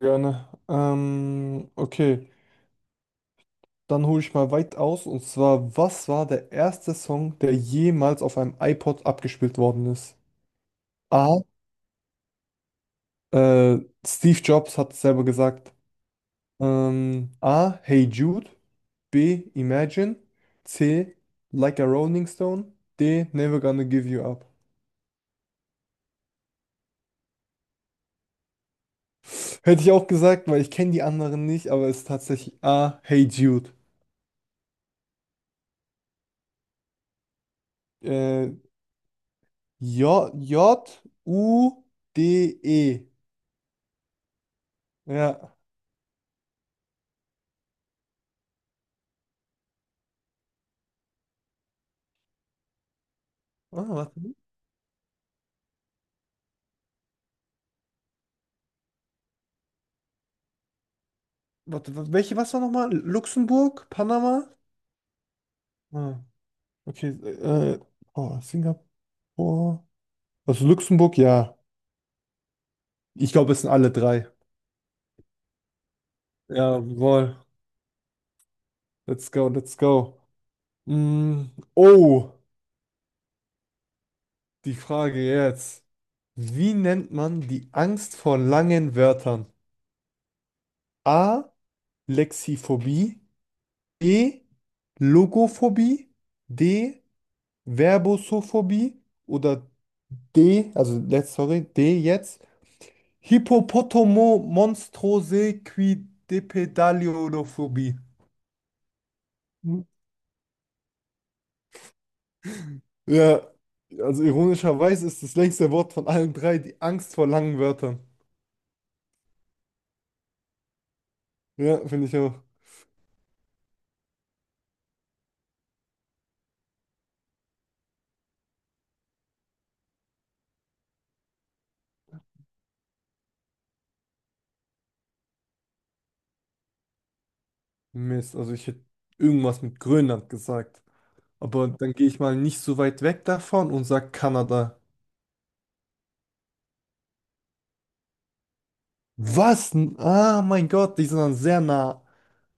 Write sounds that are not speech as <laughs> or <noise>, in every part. Gerne. Okay, dann hole ich mal weit aus. Und zwar, was war der erste Song, der jemals auf einem iPod abgespielt worden ist? A. Äh, Steve Jobs hat es selber gesagt. A. Hey Jude. B. Imagine. C. Like a Rolling Stone. D. Never Gonna Give You Up. Hätte ich auch gesagt, weil ich kenne die anderen nicht, aber es ist tatsächlich A. Hey Jude. Äh, J. J. U. D. E. Ja. Ah, warte, warte, welche, was war nochmal? Luxemburg, Panama? Ah, okay, äh, oh, Singapur. Also Luxemburg, ja. Ich glaube, es sind alle drei. Jawohl, let's go, let's go. Mm, oh, die Frage jetzt. Wie nennt man die Angst vor langen Wörtern? A. Lexiphobie. B. Logophobie. D. Verbosophobie. Oder D, also let's, sorry, D jetzt. Hippopotomo monstrose qui depedaliolophobie. Hm. Ja, also ironischerweise ist das längste Wort von allen drei die Angst vor langen Wörtern. Ja, finde ich auch. Mist, also ich hätte irgendwas mit Grönland gesagt. Aber dann gehe ich mal nicht so weit weg davon und sage Kanada. Was? Ah, mein Gott, die sind dann sehr nah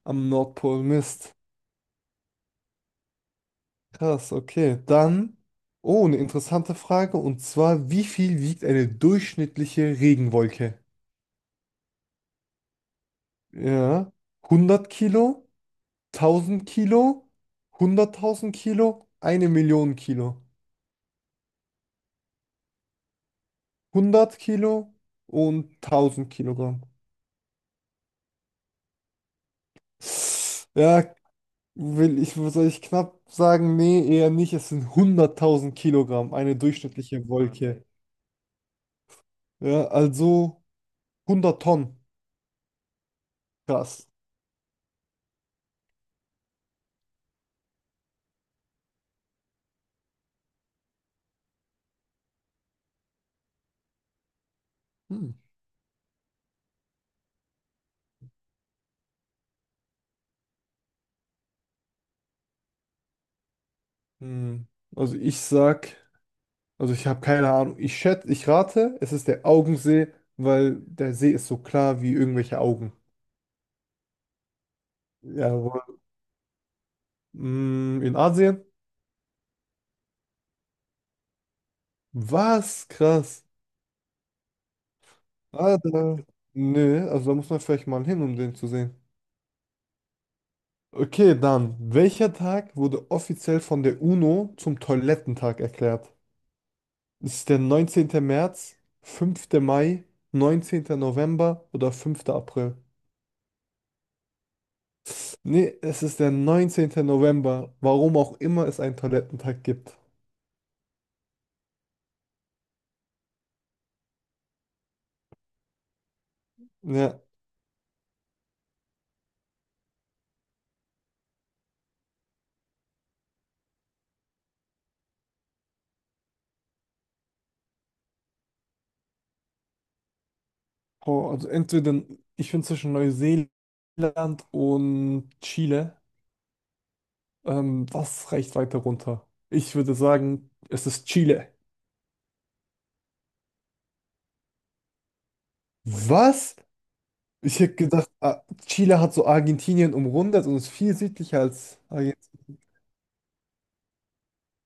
am Nordpol. Mist. Krass, okay. Dann, oh, eine interessante Frage. Und zwar, wie viel wiegt eine durchschnittliche Regenwolke? Ja, 100 Kilo, 1.000 Kilo, 100.000 Kilo, eine Million Kilo. 100 Kilo und 1.000 Kilogramm. Ja, will ich, soll ich knapp sagen? Nee, eher nicht. Es sind 100.000 Kilogramm, eine durchschnittliche Wolke. Ja, also 100 Tonnen. Krass. Hm. Hm. Also ich sag, also ich habe keine Ahnung. Ich schätze, ich rate, es ist der Augensee, weil der See ist so klar wie irgendwelche Augen. Jawohl. In Asien? Was? Krass. Ah, da. Nö, also da muss man vielleicht mal hin, um den zu sehen. Okay, dann. Welcher Tag wurde offiziell von der UNO zum Toilettentag erklärt? Ist es der 19. März, 5. Mai, 19. November oder 5. April? Nee, es ist der 19. November, warum auch immer es einen Toilettentag gibt. Ja, oh, also entweder, ich bin zwischen Neuseeland und Chile. Was reicht weiter runter? Ich würde sagen, es ist Chile. Was? Ich hätte gedacht, ah, Chile hat so Argentinien umrundet und ist viel südlicher als Argentinien.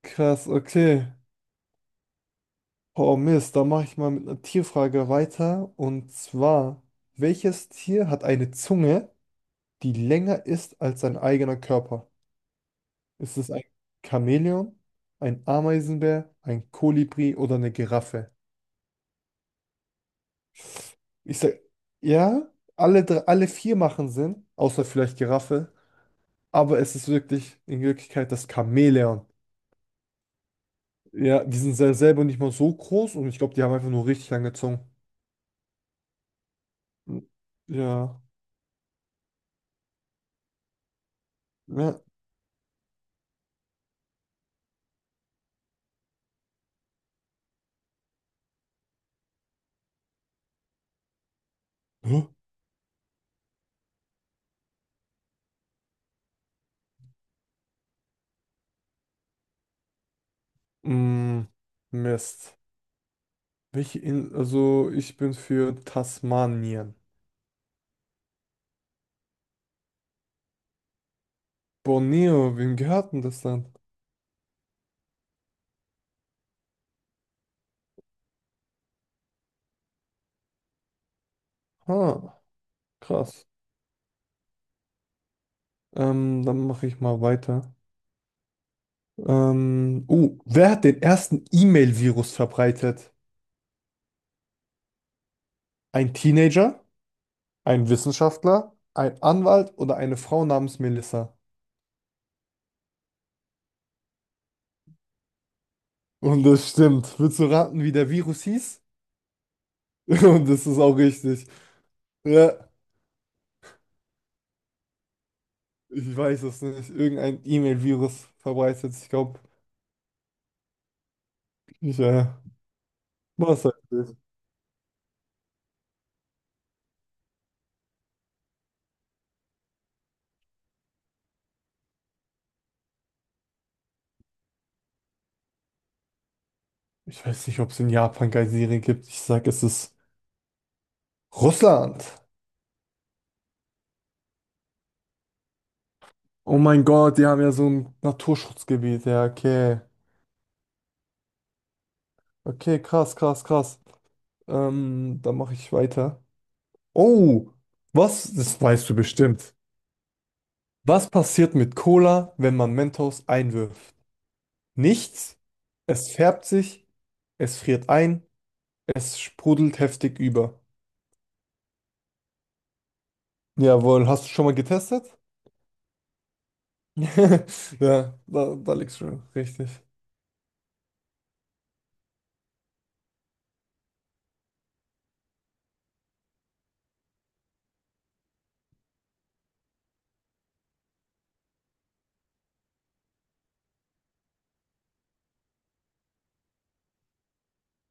Krass, okay. Oh Mist, da mache ich mal mit einer Tierfrage weiter. Und zwar, welches Tier hat eine Zunge, die länger ist als sein eigener Körper? Ist es ein Chamäleon, ein Ameisenbär, ein Kolibri oder eine Giraffe? Ich sag, ja, alle, drei, alle vier machen Sinn, außer vielleicht Giraffe, aber es ist wirklich in Wirklichkeit das Chamäleon. Ja, die sind selber nicht mal so groß und ich glaube, die haben einfach nur richtig lange Zungen. Hm, ja, ja. Hä? Mm, Mist. Welche In Also ich bin für Tasmanien. Borneo, wem gehört denn das dann? Ah, krass. Dann mache ich mal weiter. Wer hat den ersten E-Mail-Virus verbreitet? Ein Teenager, ein Wissenschaftler, ein Anwalt oder eine Frau namens Melissa? Und das stimmt. Willst du raten, wie der Virus hieß? <laughs> Und das ist auch richtig. Ja, ich weiß es nicht. Irgendein E-Mail-Virus verbreitet. Ich glaube, ich, was heißt das? Ich weiß nicht, ob es in Japan keine Serien gibt. Ich sag, es ist Russland. Oh mein Gott, die haben ja so ein Naturschutzgebiet. Ja, okay. Okay, krass, krass, krass. Dann mache ich weiter. Oh, was? Das weißt du bestimmt. Was passiert mit Cola, wenn man Mentos einwirft? Nichts. Es färbt sich, es friert ein, es sprudelt heftig über. Jawohl, hast du schon mal getestet? <laughs> Ja, da, da liegst du richtig.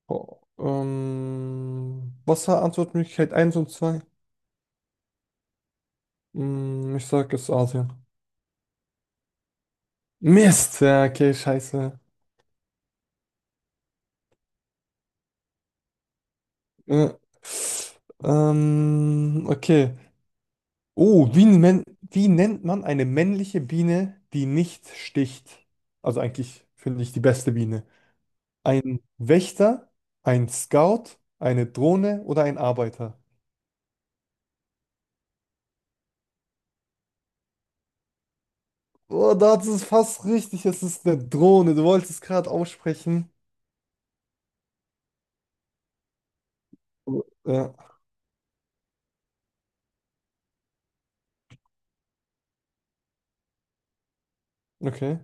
Oh, was war Antwortmöglichkeit 1 und 2. Ich sag jetzt Asien. Mist! Ja, okay, scheiße. Äh, okay. Oh, wie nennt man eine männliche Biene, die nicht sticht? Also eigentlich finde ich die beste Biene. Ein Wächter, ein Scout, eine Drohne oder ein Arbeiter? Oh, da ist es fast richtig. Es ist eine Drohne. Du wolltest es gerade aussprechen. Ja, okay.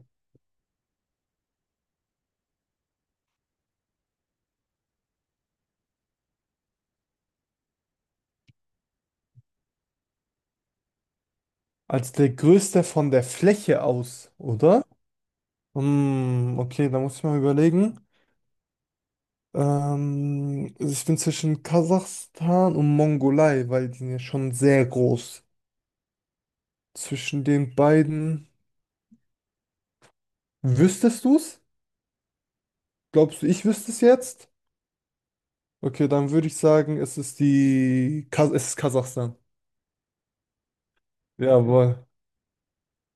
Als der größte von der Fläche aus, oder? Hm, okay, da muss ich mal überlegen. Ich bin zwischen Kasachstan und Mongolei, weil die sind ja schon sehr groß. Zwischen den beiden wüsstest du es? Glaubst du, ich wüsste es jetzt? Okay, dann würde ich sagen, es ist die Kas es ist Kasachstan. Jawohl.